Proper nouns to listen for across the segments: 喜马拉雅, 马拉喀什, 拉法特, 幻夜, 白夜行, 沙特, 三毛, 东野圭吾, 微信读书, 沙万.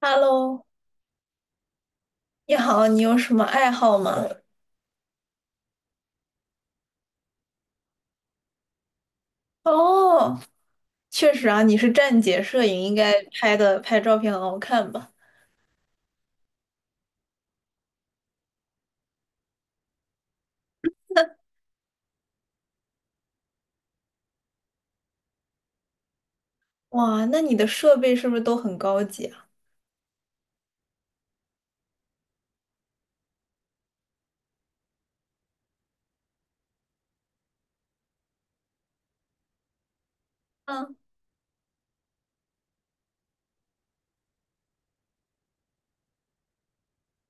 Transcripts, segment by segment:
Hello，你好，你有什么爱好吗？哦，确实啊，你是站姐摄影，应该拍照片很好看吧？哇，那你的设备是不是都很高级啊？嗯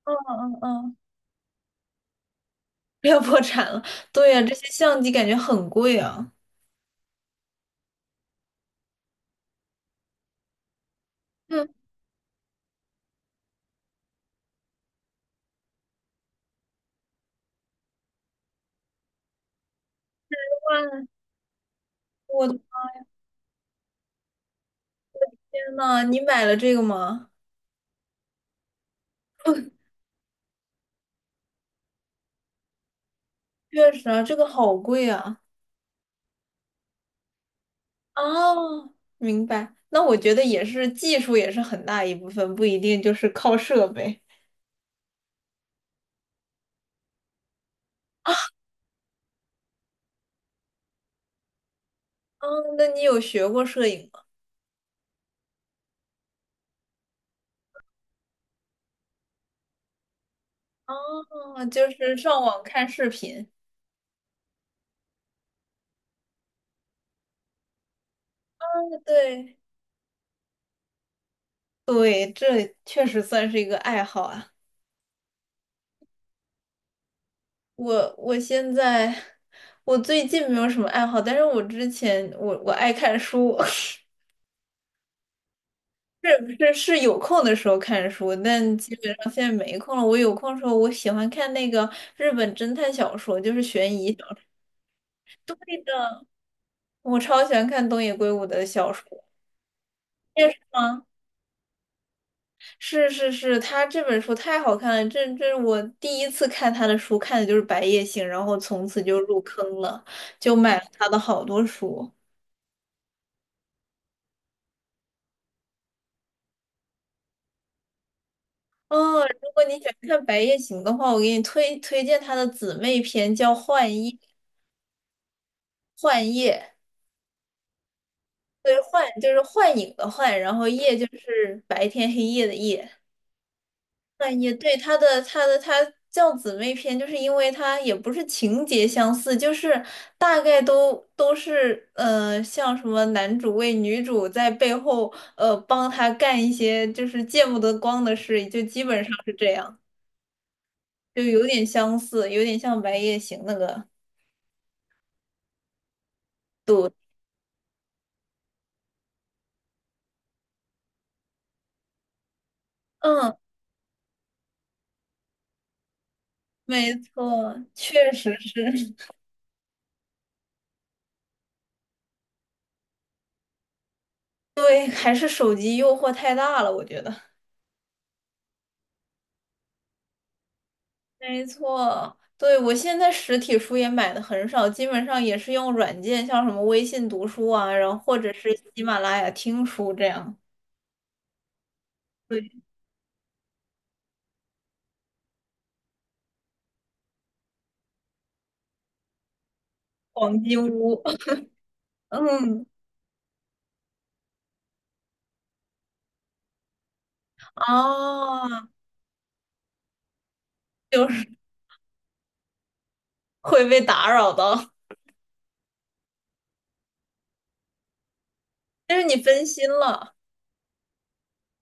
嗯嗯嗯，不要破产了。对呀，这些相机感觉很贵啊。嗯，哇，我的天呐，你买了这个吗？确实啊，这个好贵啊。哦，明白。那我觉得也是，技术也是很大一部分，不一定就是靠设备。嗯，那你有学过摄影吗？哦，就是上网看视频。对对，这确实算是一个爱好啊。我我现在我最近没有什么爱好，但是我之前我爱看书，是不是是有空的时候看书，但基本上现在没空了。我有空的时候，我喜欢看那个日本侦探小说，就是悬疑小说。我超喜欢看东野圭吾的小说，你也是吗？是，他这本书太好看了，这是我第一次看他的书，看的就是《白夜行》，然后从此就入坑了，就买了他的好多书。哦，如果你想看《白夜行》的话，我给你推荐他的姊妹篇，叫《幻夜》。幻夜，对，幻就是幻影的幻，然后夜就是白天黑夜的夜。哎，也对，他叫姊妹篇，就是因为他也不是情节相似，就是大概都是像什么男主为女主在背后帮他干一些就是见不得光的事，就基本上是这样，就有点相似，有点像《白夜行》那个。嗯，没错，确实是，对，还是手机诱惑太大了，我觉得。没错，对，我现在实体书也买的很少，基本上也是用软件，像什么微信读书啊，然后或者是喜马拉雅听书这样。对，黄金屋，嗯，啊，就是会被打扰到，但是你分心了。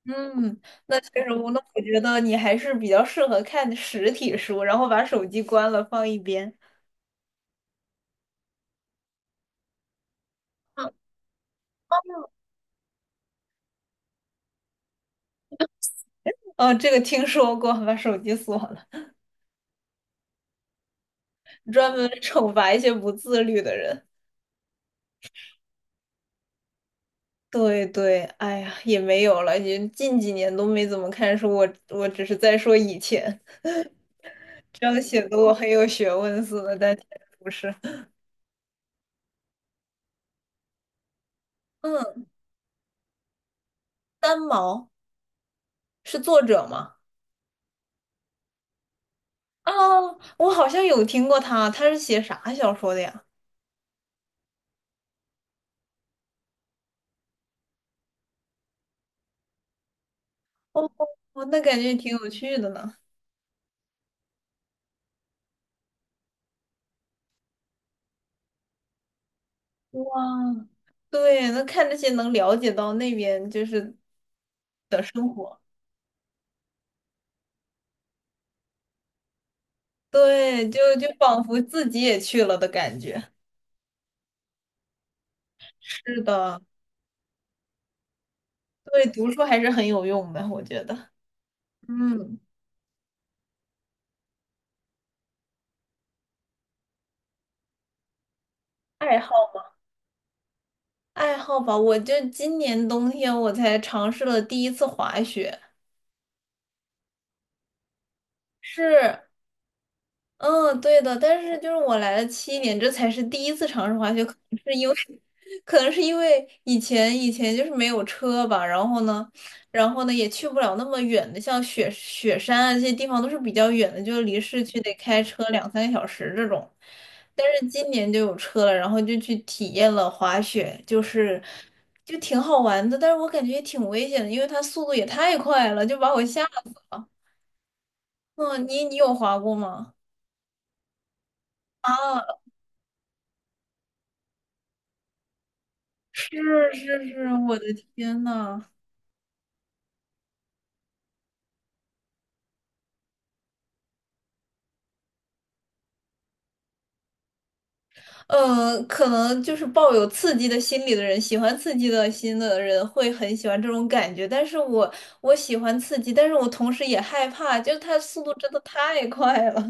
嗯，那确实，我那我觉得你还是比较适合看实体书，然后把手机关了放一边。嗯，哦，这个听说过，把手机锁了，专门 惩罚一些不自律的人。对对，哎呀，也没有了，也近几年都没怎么看书，我只是在说以前，这样显得我很有学问似的，但其实不是。嗯，三毛是作者吗？啊，我好像有听过他，他是写啥小说的呀？哦，哦那感觉挺有趣的呢。哇，对，那看这些能了解到那边就是的生活，对，就仿佛自己也去了的感觉。是的。对，读书还是很有用的，我觉得。嗯，爱好爱好吧，我就今年冬天我才尝试了第一次滑雪，是嗯，对的，但是就是我来了7年，这才是第一次尝试滑雪，可能是因为，可能是因为以前就是没有车吧，然后呢，然后呢也去不了那么远的，像雪山啊这些地方都是比较远的，就离市区得开车两三个小时这种。但是今年就有车了，然后就去体验了滑雪，就是就挺好玩的，但是我感觉也挺危险的，因为它速度也太快了，就把我吓死了。嗯，你有滑过吗？啊。是是，我的天呐，可能就是抱有刺激的心理的人，喜欢刺激的心的人会很喜欢这种感觉。但是我喜欢刺激，但是我同时也害怕，就是它速度真的太快了。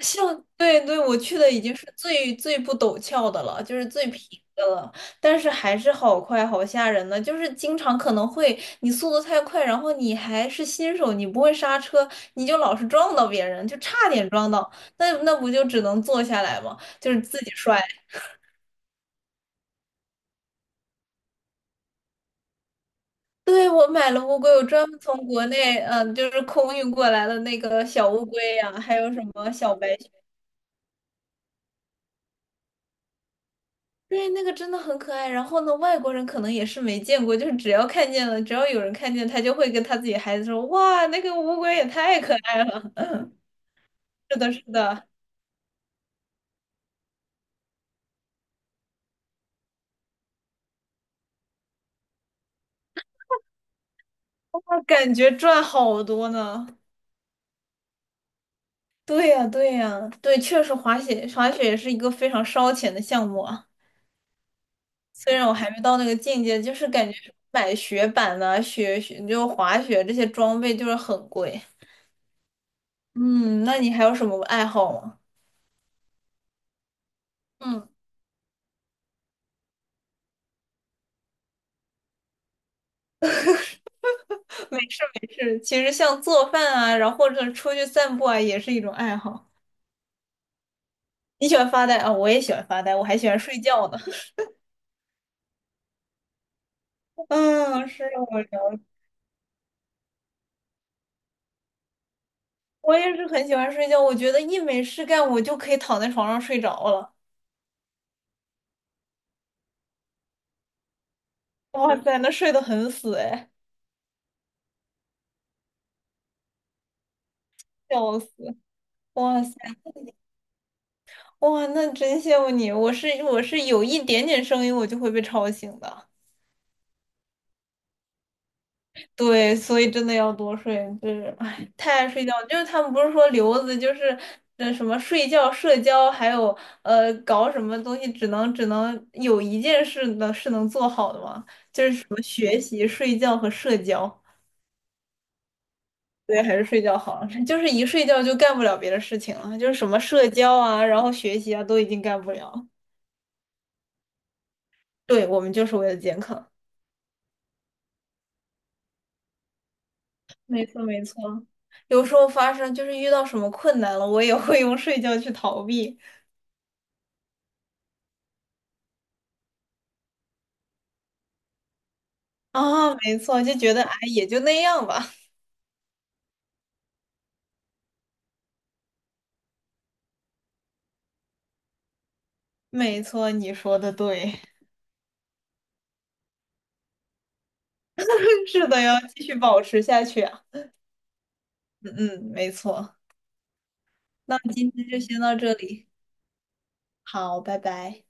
像对对，我去的已经是最不陡峭的了，就是最平的了，但是还是好快，好吓人呢。就是经常可能会你速度太快，然后你还是新手，你不会刹车，你就老是撞到别人，就差点撞到，那不就只能坐下来吗？就是自己摔。对，我买了乌龟，我专门从国内，嗯、就是空运过来的那个小乌龟呀、还有什么小白对，那个真的很可爱。然后呢，外国人可能也是没见过，就是只要看见了，只要有人看见，他就会跟他自己孩子说：“哇，那个乌龟也太可爱了！”是的，是的，那感觉赚好多呢。对呀，对呀，对，确实滑雪也是一个非常烧钱的项目啊。虽然我还没到那个境界，就是感觉买雪板呐、雪雪就滑雪这些装备就是很贵。嗯，那你还有什么爱好吗？嗯。没事没事，其实像做饭啊，然后或者出去散步啊，也是一种爱好。你喜欢发呆啊，我也喜欢发呆，我还喜欢睡觉呢。嗯，是的，我也是很喜欢睡觉，我觉得一没事干，我就可以躺在床上睡着了。哇塞，那睡得很死哎，笑死！哇塞，哇，那真羡慕你，我是有一点点声音我就会被吵醒的。对，所以真的要多睡，就是哎，太爱睡觉了就是他们不是说留子，就是什么睡觉、社交，还有搞什么东西，只能有一件事能是能做好的吗？学习、睡觉和社交。对，还是睡觉好，就是一睡觉就干不了别的事情了，就是什么社交啊，然后学习啊，都已经干不了。对，我们就是为了健康。没错，没错。有时候发生就是遇到什么困难了，我也会用睡觉去逃避。啊，没错，就觉得哎，也就那样吧。没错，你说的对，是的，要继续保持下去啊。嗯嗯，没错。那今天就先到这里，好，拜拜。